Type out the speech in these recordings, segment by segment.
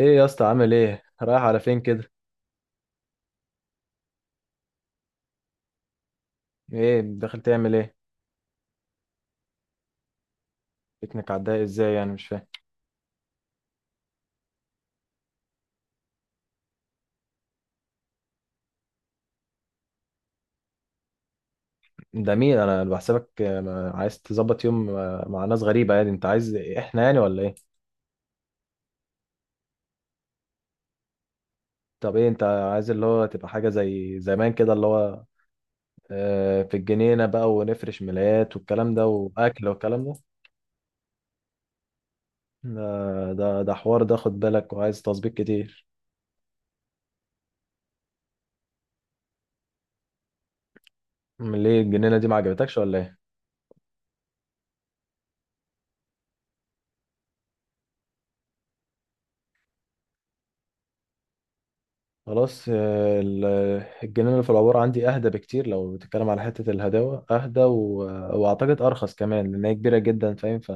ايه يا اسطى، عامل ايه؟ رايح على فين كده؟ ايه داخل تعمل ايه؟ بيكنيك؟ عداها ازاي يعني؟ مش فاهم. ده مين؟ انا بحسبك عايز تظبط يوم مع ناس غريبه، يعني انت عايز احنا يعني ولا ايه؟ طب ايه انت عايز؟ اللي هو تبقى حاجه زي زمان كده، اللي هو في الجنينه بقى، ونفرش ملايات والكلام ده، واكل والكلام ده. ده حوار ده، خد بالك، وعايز تظبيط كتير. ليه الجنينه دي ما عجبتكش ولا ايه؟ خلاص. الجنينة اللي في العبور عندي أهدى بكتير، لو بتتكلم على حتة الهداوة أهدى وأعتقد أرخص كمان، لأن هي كبيرة جدا، فاهم؟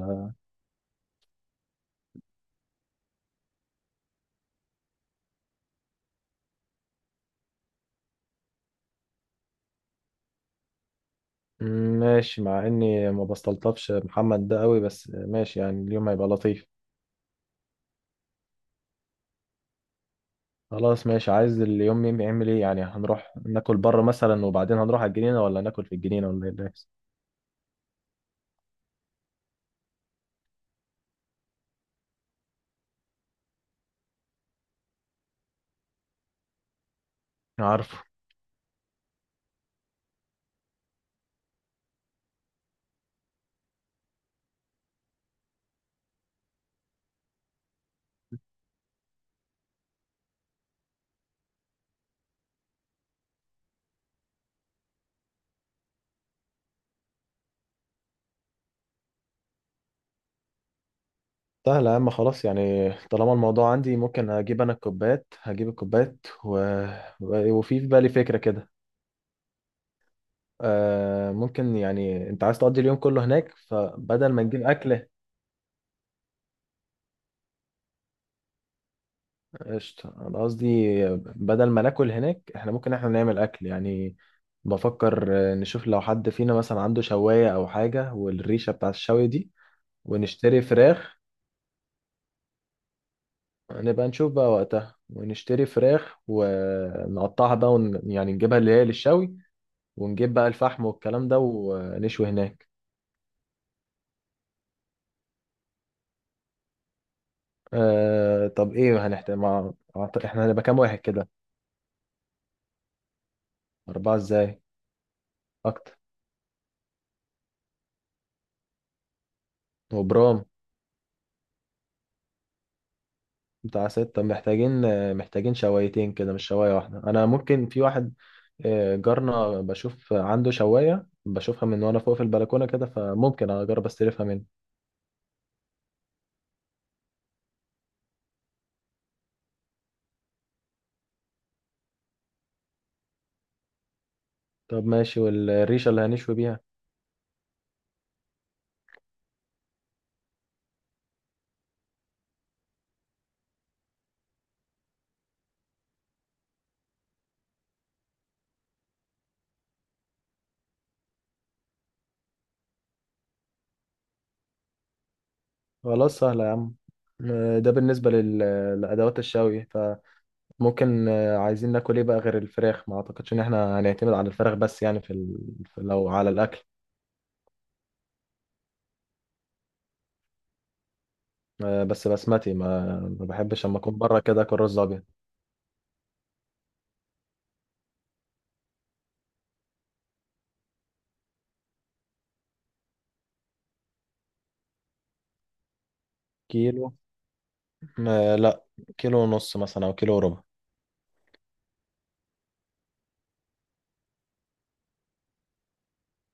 ماشي، مع إني ما بستلطفش محمد ده قوي، بس ماشي يعني، اليوم هيبقى لطيف. خلاص، ماشي. عايز اليوم يعمل إيه يعني؟ هنروح ناكل بره مثلا، وبعدين هنروح على الجنينة، ولا ناكل في الجنينة، ولا إيه اللي هيحصل؟ عارفه. سهل يا عم، خلاص يعني. طالما الموضوع عندي، ممكن أجيب أنا الكوبايات، هجيب الكوبايات وفي في بالي فكرة كده. ممكن يعني، انت عايز تقضي اليوم كله هناك، فبدل ما نجيب اكل. قشطة، انا قصدي، بدل ما ناكل هناك، احنا ممكن احنا نعمل اكل يعني. بفكر نشوف لو حد فينا مثلا عنده شواية او حاجة، والريشة بتاع الشوي دي. ونشتري فراخ. نبقى نشوف بقى وقتها، ونشتري فراخ ونقطعها بقى، يعني نجيبها اللي هي للشوي. ونجيب بقى الفحم والكلام ده، ونشوي هناك. طب ايه هنحتاج احنا هنبقى كام واحد كده؟ أربعة ازاي؟ اكتر. وبرام. بتاع ستة، محتاجين. محتاجين شوايتين كده، مش شواية واحدة. انا ممكن في واحد، جارنا، بشوف عنده شواية، بشوفها من وانا فوق في البلكونة كده، فممكن اجرب استلفها منه. طب ماشي. والريشة اللي هنشوي بيها؟ خلاص، سهلة يا عم. ده بالنسبة لأدوات الشوي. فممكن عايزين ناكل ايه بقى غير الفراخ؟ ما اعتقدش ان احنا هنعتمد على الفراخ بس يعني، في لو على الاكل. بس بسمتي، ما بحبش اما اكون بره كده اكل رز ابيض. كيلو؟ ما لا، كيلو ونص مثلا، او كيلو وربع.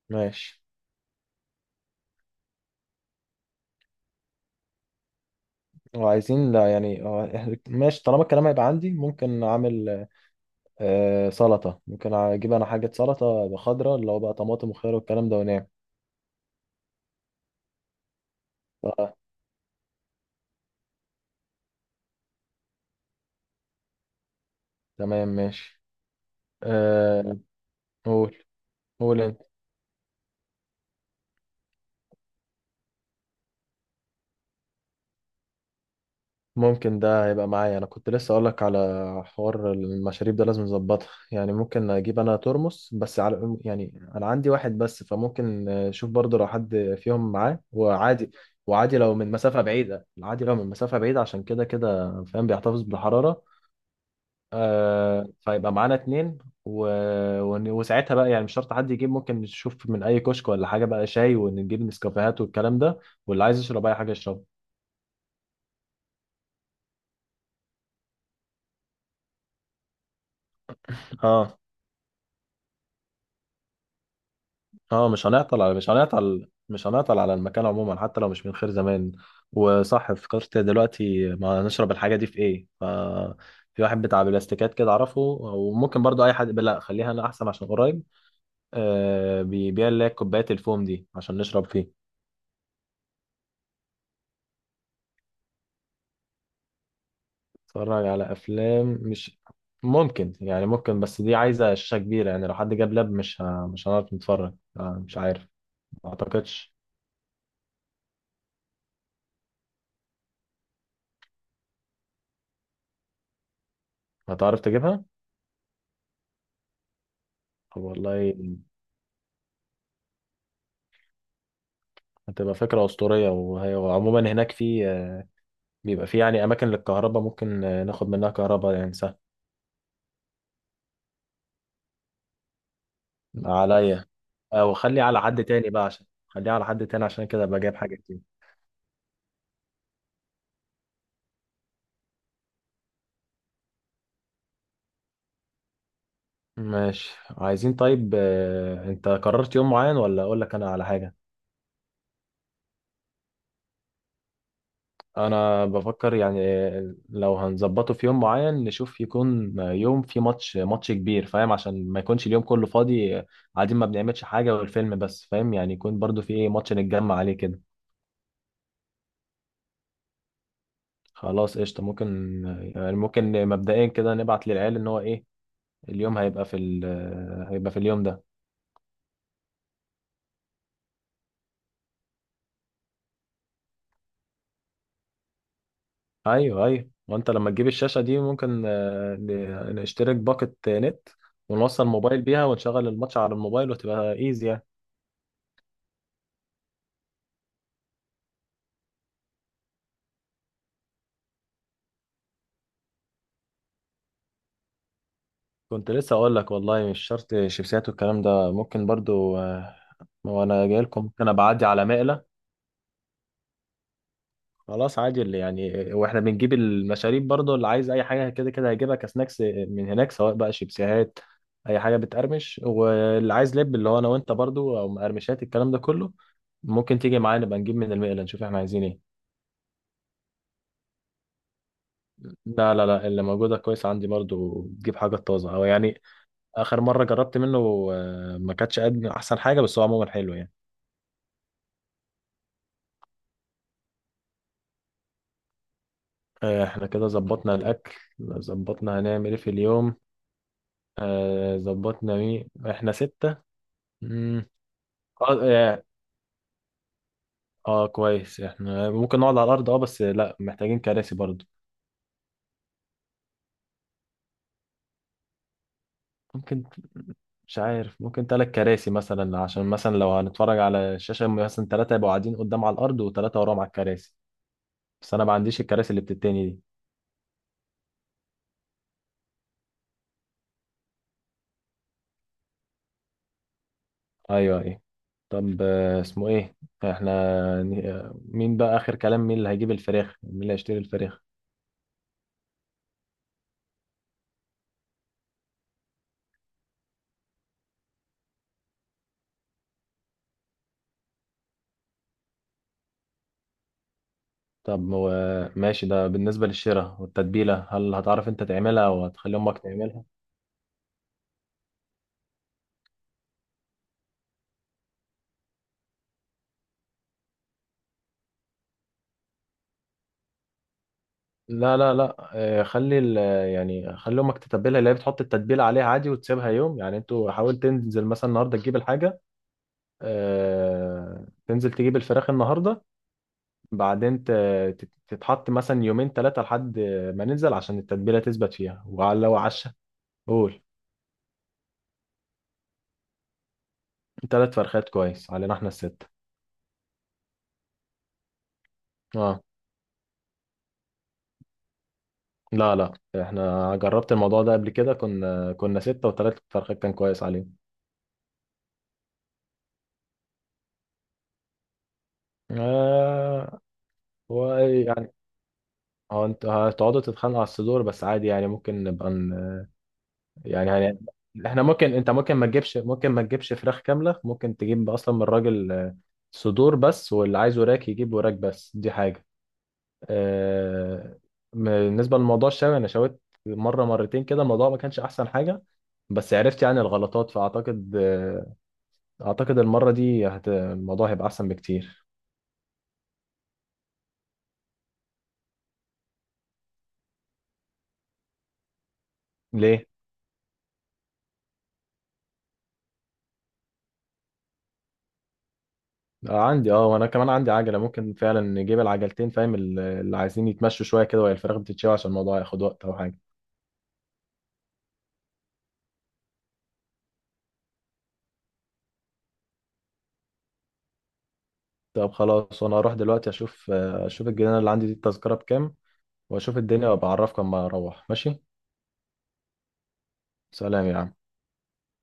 ماشي. وعايزين، لا يعني، ماشي، طالما الكلام هيبقى عندي ممكن اعمل سلطة. ممكن اجيب انا حاجة سلطة خضراء، اللي هو بقى طماطم وخيار والكلام ده، ونعم. آه، تمام، ماشي. آه. قول. قول انت. ممكن ده هيبقى معايا. انا كنت لسه اقولك على حوار المشاريب ده، لازم نظبطها يعني. ممكن اجيب انا ترمس بس، على يعني انا عندي واحد بس، فممكن اشوف برضه لو حد فيهم معاه، وعادي، وعادي لو من مسافة بعيدة، عادي لو من مسافة بعيدة، عشان كده كده فاهم بيحتفظ بالحرارة. فيبقى معانا اتنين و... وساعتها بقى يعني، مش شرط حد يجيب، ممكن نشوف من اي كشك ولا حاجة بقى شاي، ونجيب نسكافيهات والكلام ده، واللي عايز يشرب اي حاجة يشربها. اه، اه. مش هنعطل على المكان عموما، حتى لو مش من خير زمان. وصح، فكرت دلوقتي ما نشرب الحاجة دي في ايه؟ في واحد بتاع بلاستيكات كده اعرفه، وممكن برضو اي حد. لا، خليها انا احسن عشان قريب. بيبيع اللي هي كوبايات الفوم دي، عشان نشرب فيه. اتفرج على افلام؟ مش ممكن بس دي عايزة شاشة كبيرة يعني. لو حد جاب لاب، مش هنعرف نتفرج. مش عارف. ما اعتقدش. هتعرف تجيبها؟ طب والله، هتبقى فكرة أسطورية. وعموما، هناك في، بيبقى في يعني أماكن للكهرباء، ممكن ناخد منها كهرباء يعني، سهل. عليا. أو خلي على حد تاني بقى، عشان خليها على حد تاني، عشان كده أبقى جايب حاجة كتير. ماشي، عايزين، طيب أنت قررت يوم معين، ولا أقول لك أنا على حاجة؟ أنا بفكر يعني، لو هنظبطه في يوم معين، نشوف يكون يوم في ماتش كبير، فاهم؟ عشان ما يكونش اليوم كله فاضي، قاعدين ما بنعملش حاجة والفيلم بس، فاهم يعني، يكون برضو في إيه، ماتش نتجمع عليه كده. خلاص، قشطة، ممكن. يعني ممكن مبدئيا كده نبعت للعيال ان هو ايه. اليوم هيبقى في هيبقى في اليوم ده. ايوه، ايوه. وانت لما تجيب الشاشة دي، ممكن نشترك باقة نت، ونوصل موبايل بيها، ونشغل الماتش على الموبايل، وتبقى ايزي يعني. كنت لسه اقول لك، والله مش شرط شيبسيات والكلام ده، ممكن برضو، وانا جاي لكم ممكن ابقى اعدي على مقلة. خلاص، عادي. اللي يعني واحنا بنجيب المشاريب برضه، اللي عايز اي حاجه كده كده هيجيبها كسناكس من هناك، سواء بقى شيبسيهات، اي حاجه بتقرمش، واللي عايز لب اللي هو انا وانت برضه، او مقرمشات الكلام ده كله. ممكن تيجي معانا، نبقى نجيب من المقله، نشوف احنا عايزين ايه. لا، لا، لا، اللي موجوده كويس. عندي برضه تجيب حاجه طازه او يعني، اخر مره جربت منه، ما كانتش قد احسن حاجه، بس هو عموما حلو يعني. احنا كده ظبطنا الاكل، ظبطنا هنعمل ايه في اليوم، ظبطنا مين احنا، ستة. مم، اه، اه. كويس، احنا ممكن نقعد على الارض، اه بس لا، محتاجين كراسي برضو. ممكن. مش عارف، ممكن ثلاث كراسي مثلا، عشان مثلا لو هنتفرج على الشاشة، مثلا ثلاثة يبقوا قاعدين قدام على الارض، وثلاثة وراهم على الكراسي. بس انا ما عنديش الكراسي اللي بتتني دي. ايوه، ايه؟ طب اسمه ايه، احنا، مين بقى اخر كلام؟ مين اللي هيجيب الفراخ؟ مين اللي هيشتري الفراخ؟ طب هو، ماشي، ده بالنسبة للشراء والتتبيلة، هل هتعرف انت تعملها، وهتخلي امك تعملها؟ لا، لا، لا، خلي يعني خلي امك تتبلها، اللي هي بتحط التتبيله عليها عادي، وتسيبها يوم يعني. انتوا حاول تنزل مثلا النهارده، تجيب الحاجه، تنزل تجيب الفراخ النهارده. بعدين تتحط مثلا يومين، ثلاثه، لحد ما ننزل، عشان التتبيله تثبت فيها، وعلى لو عشا. قول. ثلاث فرخات كويس علينا، احنا الستة. اه. لا، لا، احنا جربت الموضوع ده قبل كده، كنا ستة وثلاث فرخات، كان كويس عليهم. آه. اه، انتوا هتقعدوا تتخانقوا على الصدور بس، عادي يعني. ممكن نبقى يعني احنا ممكن انت ممكن، ما تجيبش فراخ كاملة، ممكن تجيب اصلا من الراجل، صدور بس، واللي عايز وراك يجيب وراك، بس دي حاجة. آه، بالنسبة لموضوع الشوي، انا شويت مرة مرتين كده، الموضوع ما كانش احسن حاجة، بس عرفت يعني الغلطات. فاعتقد، اعتقد المرة دي الموضوع هيبقى احسن بكتير. ليه؟ عندي. اه وانا كمان عندي عجله، ممكن فعلا نجيب العجلتين، فاهم؟ اللي عايزين يتمشوا شويه كده وهي الفراخ بتتشوي، عشان الموضوع هياخد وقت او حاجه. طب خلاص، وانا هروح دلوقتي اشوف الجنينه اللي عندي دي، التذكره بكام، واشوف الدنيا، وابقى اعرفك اما اروح. ماشي. سلام يا عم.